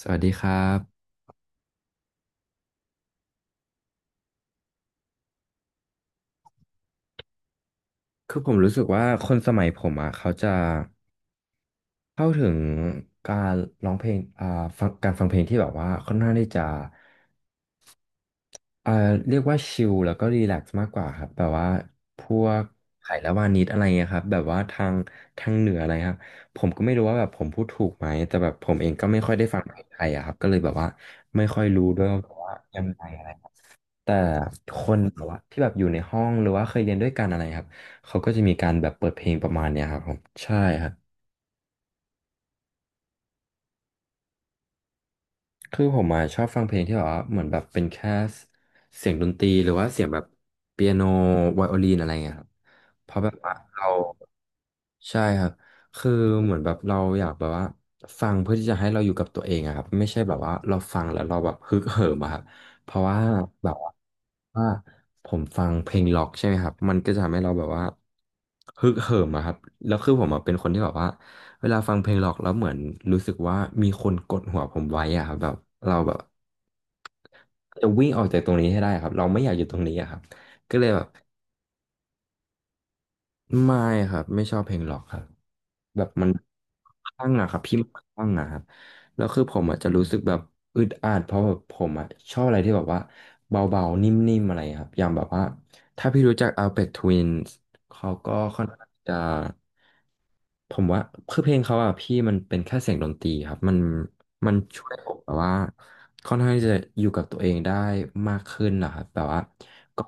สวัสดีครับคือผมรู้สึกว่าคนสมัยผมอ่ะเขาจะเข้าถึงการร้องเพลงฟังการฟังเพลงที่แบบว่าค่อนข้างที่จะอ่าเรียกว่าชิลแล้วก็รีแลกซ์มากกว่าครับแบบว่าพวกไผ่ละวานิดอะไรเงี้ยครับแบบว่าทางเหนืออะไรครับผมก็ไม่รู้ว่าแบบผมพูดถูกไหมแต่แบบผมเองก็ไม่ค่อยได้ฟังเพลงไทยอะครับก็เลยแบบว่าไม่ค่อยรู้ด้วยว่าแบบว่ายังไงอะไร แต่คนแบบว่าที่แบบอยู่ในห้องหรือว่าเคยเรียนด้วยกันอะไรครับเขาก็จะมีการแบบเปิดเพลงประมาณเนี้ยครับผมใช่ครับคือผมอะชอบฟังเพลงที่แบบว่าเหมือนแบบเป็นแค่เสียงดนตรีหรือว่าเสียงแบบเปียโนไวโอลินอะไรเงี้ยครับ เพราะแบบว่าเราใช่ครับคือเหมือนแบบเราอยากแบบว่าฟังเพื่อที่จะให้เราอยู่กับตัวเองอะครับไม่ใช่แบบว่าเราฟังแล้วเราแบบฮึกเหิมอะครับเพราะว่าแบบว่าว่าผมฟังเพลงล็อกใช่ไหมครับมันก็จะทำให้เราแบบว่าฮึกเหิมอะครับแล้วคือผมอะเป็นคนที่แบบว่าเวลาฟังเพลงล็อกแล้วเหมือนรู้สึกว่ามีคนกดหัวผมไว้อะครับแบบเราแบบจะวิ่งออกจากตรงนี้ให้ได้ครับเราไม่อยากอยู่ตรงนี้อะครับก็เลยแบบ ไม่ครับไม่ชอบเพลงล็อกครับ แบบมันคลั่งอะครับพี่มันคลั่งอะครับแล้วคือผมอาจจะรู้สึกแบบอึดอัดเพราะแบบผมอะชอบอะไรที่แบบว่าเบาๆนิ่มๆอะไรครับอย่างแบบว่าถ้าพี่รู้จัก Aphex Twin เขาก็ค่อนข้างจะผมว่าคือเพลงเขาอะพี่มันเป็นแค่เสียงดนตรีครับมันช่วยผมแบบว่าค่อนข้างี้จะอยู่กับตัวเองได้มากขึ้นนะครับแบบว่าก็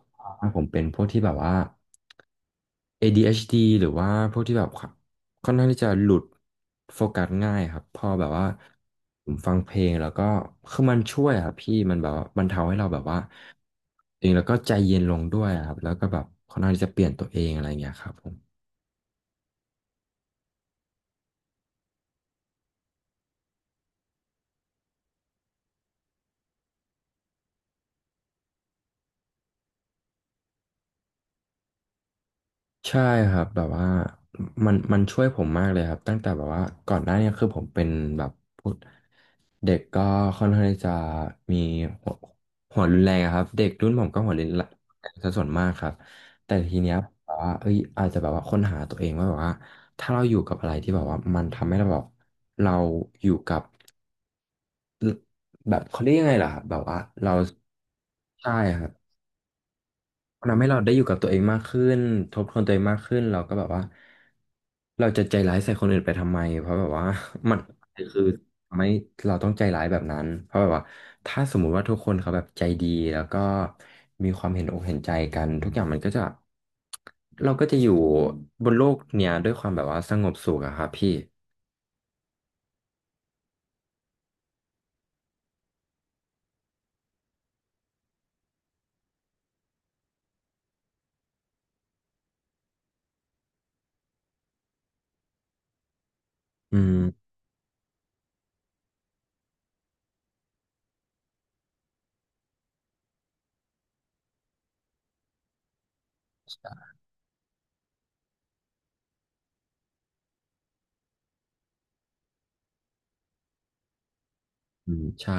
ผมเป็นพวกที่แบบว่า ADHD หรือว่าพวกที่แบบ ค่อนข้างที่จะหลุดโฟกัสง่ายครับพอแบบว่าผมฟังเพลงแล้วก็คือมันช่วยครับพี่มันแบบว่าบรรเทาให้เราแบบว่าเองแล้วก็ใจเย็นลงด้วยครับแล้วก็แบบค่อนข้างที่จะเปลี่ยนตัวเองอะไรอย่างเงี้ยครับผมใช่ครับแบบว่ามันช่วยผมมากเลยครับตั้งแต่แบบว่าก่อนหน้าเนี้คือผมเป็นแบบพูด เด็กก็ค่อนข้างที่จะมีหัวหัวรุนแรงอะครับเด็กรุ่นผมก็หัวรุนแรงซะส่วนมากครับแต่ทีเนี้ยแบบว่าเอ้ยอาจจะแบบว่าค้นหาตัวเองว่าแบบว่าถ้าเราอยู่กับอะไรที่แบบว่ามันทำให้เราแบบเราอยู่กับแบบเขาเรียกยังไงล่ะครับแบบว่าเราใช่ครับ มันทำให้เราได้อยู่กับตัวเองมากขึ้นทบทวนตัวเองมากขึ้นเราก็แบบว่าเราจะใจร้ายใส่คนอื่นไปทำไมเพราะแบบว่า มันคือทำให้เราต้องใจร้ายแบบนั้นเพราะแบบว่าถ้าสมมุติว่าทุกคนเขาแบบใจดีแล้วก็มีความเห็นอกเห็นใจกันทุกอย่างมันก็จะเราก็จะอยู่บนโลกเนี้ยด้วยความแบบว่าสงบสุขอะครับพี่อืมอืมใช่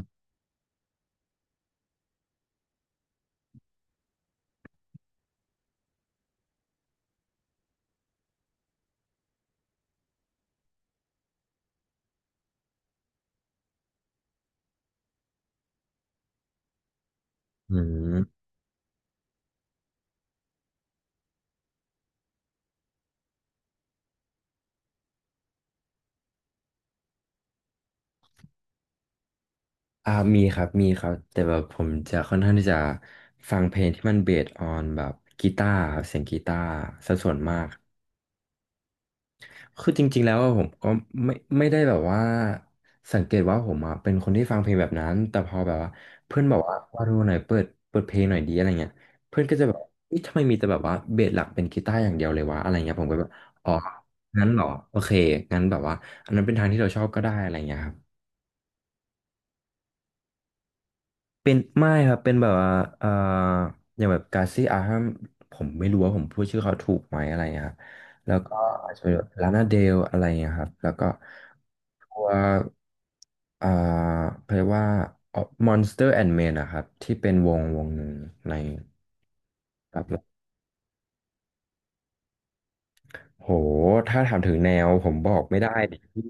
อืม อ่ามีครับมีครับแต่แบบผมจะค่อนข้างที่จะฟังเพลงที่มันเบสออนแบบกีตาร์ครับเสียงกีตาร์ซะส่วนมากคือจริงๆแล้วอะผมก็ไม่ไม่ได้แบบว่าสังเกตว่าผมอ่ะเป็นคนที่ฟังเพลงแบบนั้นแต่พอแบบว่าเพื่อนบอกว่าดูหน่อยเปิดเพลงหน่อยดีอะไรเงี้ยเพื่อนก็จะแบบเอ๊ะทำไมมีแต่แบบว่าเบสหลักเป็นกีตาร์อย่างเดียวเลยวะอะไรเงี้ยผมก็แบบอ๋องั้นเหรอโอเคงั้นแบบว่าอันนั้นเป็นทางที่เราชอบก็ได้อะไรเงี้ยครับ เป็นไม่ครับเป็นแบบว่าเอ่ออย่างแบบกาซี่อาฮัมผมไม่รู้ว่าผมพูดชื่อเขาถูกไหมอะไรเงี้ยครับแล้วก็อาจจะเป็นแบบลานาเดลอะไรเงี้ยครับแล้วก็ตัวเอ่อเพรียกว่า Monster and Men นะครับที่เป็นวงหนึ่งในครับ โหถ้าถามถึงแนวผมบอกไม่ได้ดิพี่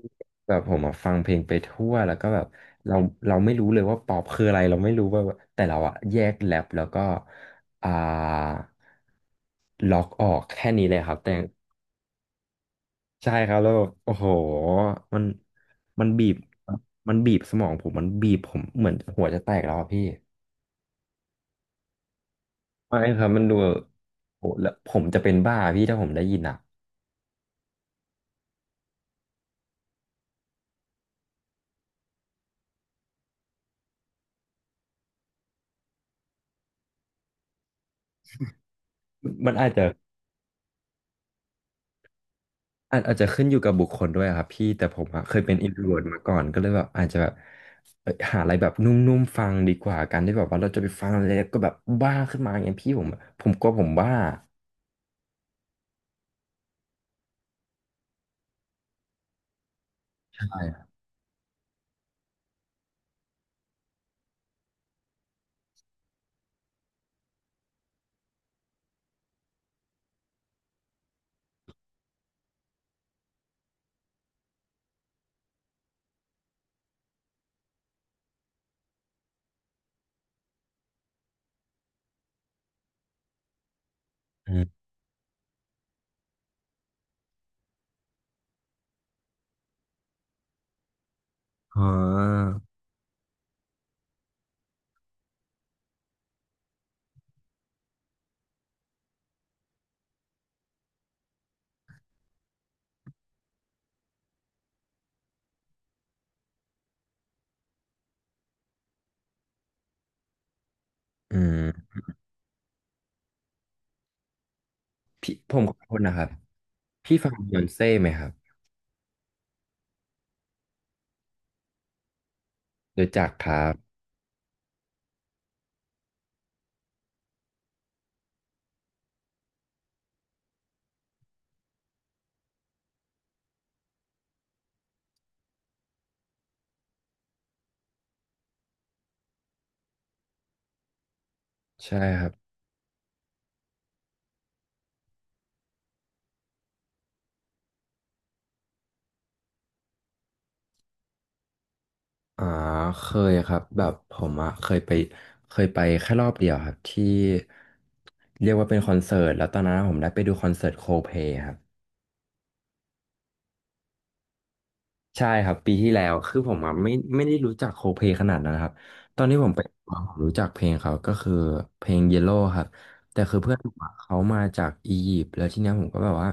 แบบผมอะฟังเพลงไปทั่วแล้วก็แบบเราเราไม่รู้เลยว่าป๊อปคืออะไรเราไม่รู้ว่าแต่เราอะแยกแรปแล้วก็อ่าล็อกออกแค่นี้เลยครับแต่ใช่ครับแล้วแบบโอ้โหมันมันบีบมันบีบสมองผมมันบีบผมเหมือนหัวจะแตกแล้วอะพี่ไม่ครับมันดูโอ้โหแล้วผมจะเป็นบ้าพี่ถ้าผมได้ยินอะมันอาจจะ อาจอาจจะขึ้นอยู่กับบุคคลด้วยอะครับพี่แต่ผมอะเคยเป็นอินโทรเวน์มาก่อนก็เลยแบบอาจจะแบบเอ้ยหาอะไรแบบนุ่มๆฟังดีกว่าการที่แบบว่าเราจะไปฟังอะไรแล้วก็แบบบ้าขึ้นมาอย่างเงี้ยพี่ผมกลัวผมบ้าใช่อืมอ๋ออืมพี่ผมขอโทษนะครับพี่ฟังบ e ยอนเซ่ไหมครับรู้จักครับใช่ครับอ่าเคยครับแบบผมอะเคยไปเคยไปแค่รอบเดียวครับที่เรียกว่าเป็นคอนเสิร์ตแล้วตอนนั้นผมได้ไปดูคอนเสิร์ตโคเพลครับ ใช่ครับปีที่แล้วคือผมอะไม่ได้รู้จักโคเพขนาดนั้นนะครับตอนที่ผมไปผมรู้จักเพลงเขาก็คือเพลง Yellow ครับแต่คือเพื่อนผมอะเขามาจากอียิปต์แล้วทีเนี้ยผมก็แบบว่า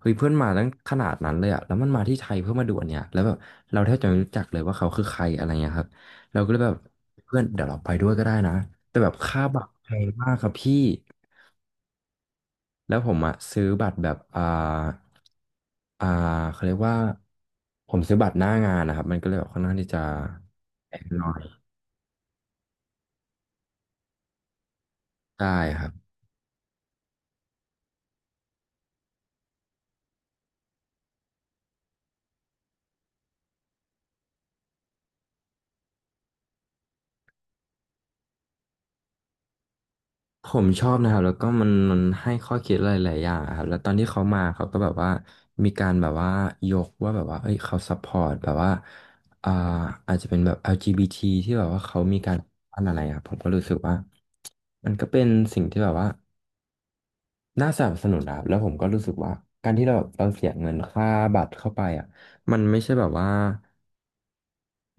เฮ้ยเพื่อนมาตั้งขนาดนั้นเลยอะแล้วมันมาที่ไทยเพื่อมาดูอันเนี้ยแล้วแบบเราแทบจะไม่รู้จักเลยว่าเขาคือใครอะไรเงี้ยครับเราก็เลยแบบเพื่อนเดี๋ยวเราไปด้วยก็ได้นะแต่แบบค่าบัตรแพงมากครับพี่ แล้วผมอะซื้อบัตรแบบอ่าเขาเรียกว่าผมซื้อบัตรหน้างานนะครับมันก็เลยแบบค่อนข้างที่จะแพงหน่อยใช่ครับผมชอบนะครับแล้วก็มันให้ข้อคิดหลายๆอย่างอะครับแล้วตอนที่เขามาเขาก็แบบว่ามีการแบบว่ายกว่าแบบว่าเอ้ยเขาซัพพอร์ตแบบว่าอ่าอาจจะเป็นแบบ LGBT ทีแบบว่าเขามีการอะไรอะครับผมก็รู้สึกว่ามันก็เป็นสิ่งที่แบบว่า น่าสนับสนุนนะครับแล้วผมก็รู้สึกว่าการที่เราเสียเงินค่าบัตรเข้าไปอ่ะมันไม่ใช่แบบว่า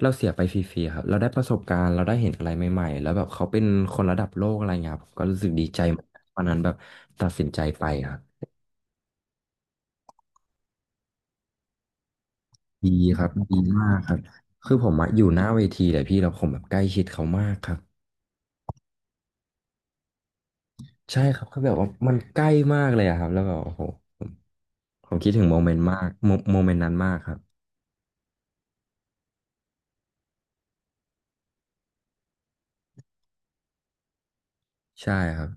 เราเสียไปฟรีๆครับเราได้ประสบการณ์เราได้เห็นอะไรใหม่ๆแล้วแบบเขาเป็นคนระดับโลกอะไรเงี้ยครับผมก็รู้สึกดีใจเหมือนกันวันนั้นแบบตัดสินใจไปครับดีครับดีมากครับคือผมอะอยู่หน้าเวทีเลยพี่แล้วผมแบบใกล้ชิดเขามากครับใช่ครับคือแบบว่ามันใกล้มากเลยอะครับแล้วแบบโอ้โหผมผมคิดถึงโมเมนต์มากโมเมนต์นั้นมากครับใช่ครับ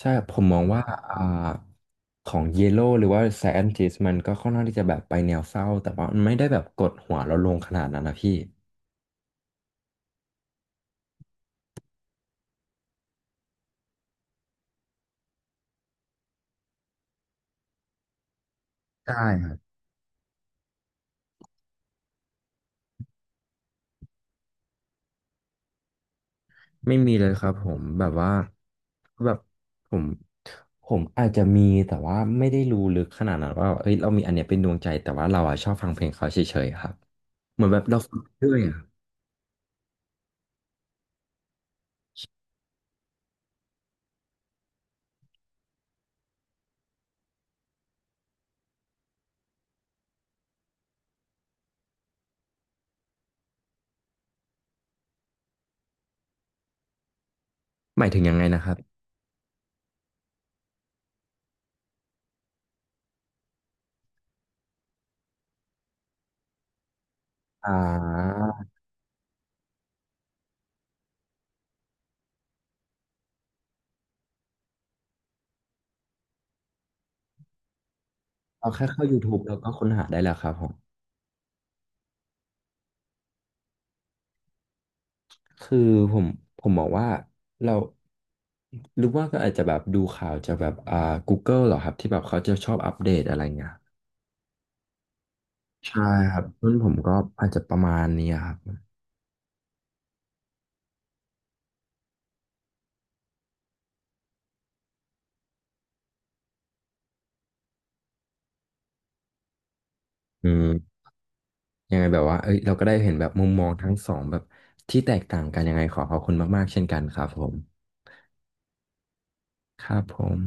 ใช่ผมมองว่าอ่าของเยโ o หรือว่าแซนจิสมันก็ค่อนข้างที่จะแบบไปแนวเศร้าแต่ว่ามันไม่ได้แบบกดหัวเราลงขนาดนั้นนะพี่ใช่ครับไม่มีเลยครับผมแบบว่าแบบผมผมอาจจะมีแต่ว่าไม่ได้รู้ลึกขนาดนั้นว่าเอ้ยเรามีอันเนี้ยเป็นดวงใจแต่ว่าเราอ่ะชอบฟังเพลงเขาเฉยๆครับเหมือนแบบเราฟังเรื่อยอะหมายถึงยังไงนะครับอ่าเอาแค่เข้า YouTube แล้วก็ค้นหาได้แล้วครับผม คือผมผมมองว่าเราหรือว่าก็อาจจะแบบดูข่าวจากแบบGoogle เหรอครับที่แบบเขาจะชอบอัปเดตอะไรเงี้ยใช่ครับรุ่นผมก็อาจจะประมาณนี้ครับอืมยังไงแบบว่าเอ้ยเราก็ได้เห็นแบบมุมมองทั้งสองแบบที่แตกต่างกันยังไงขอขอบคุณมากๆเช่นกันครับผมครับผม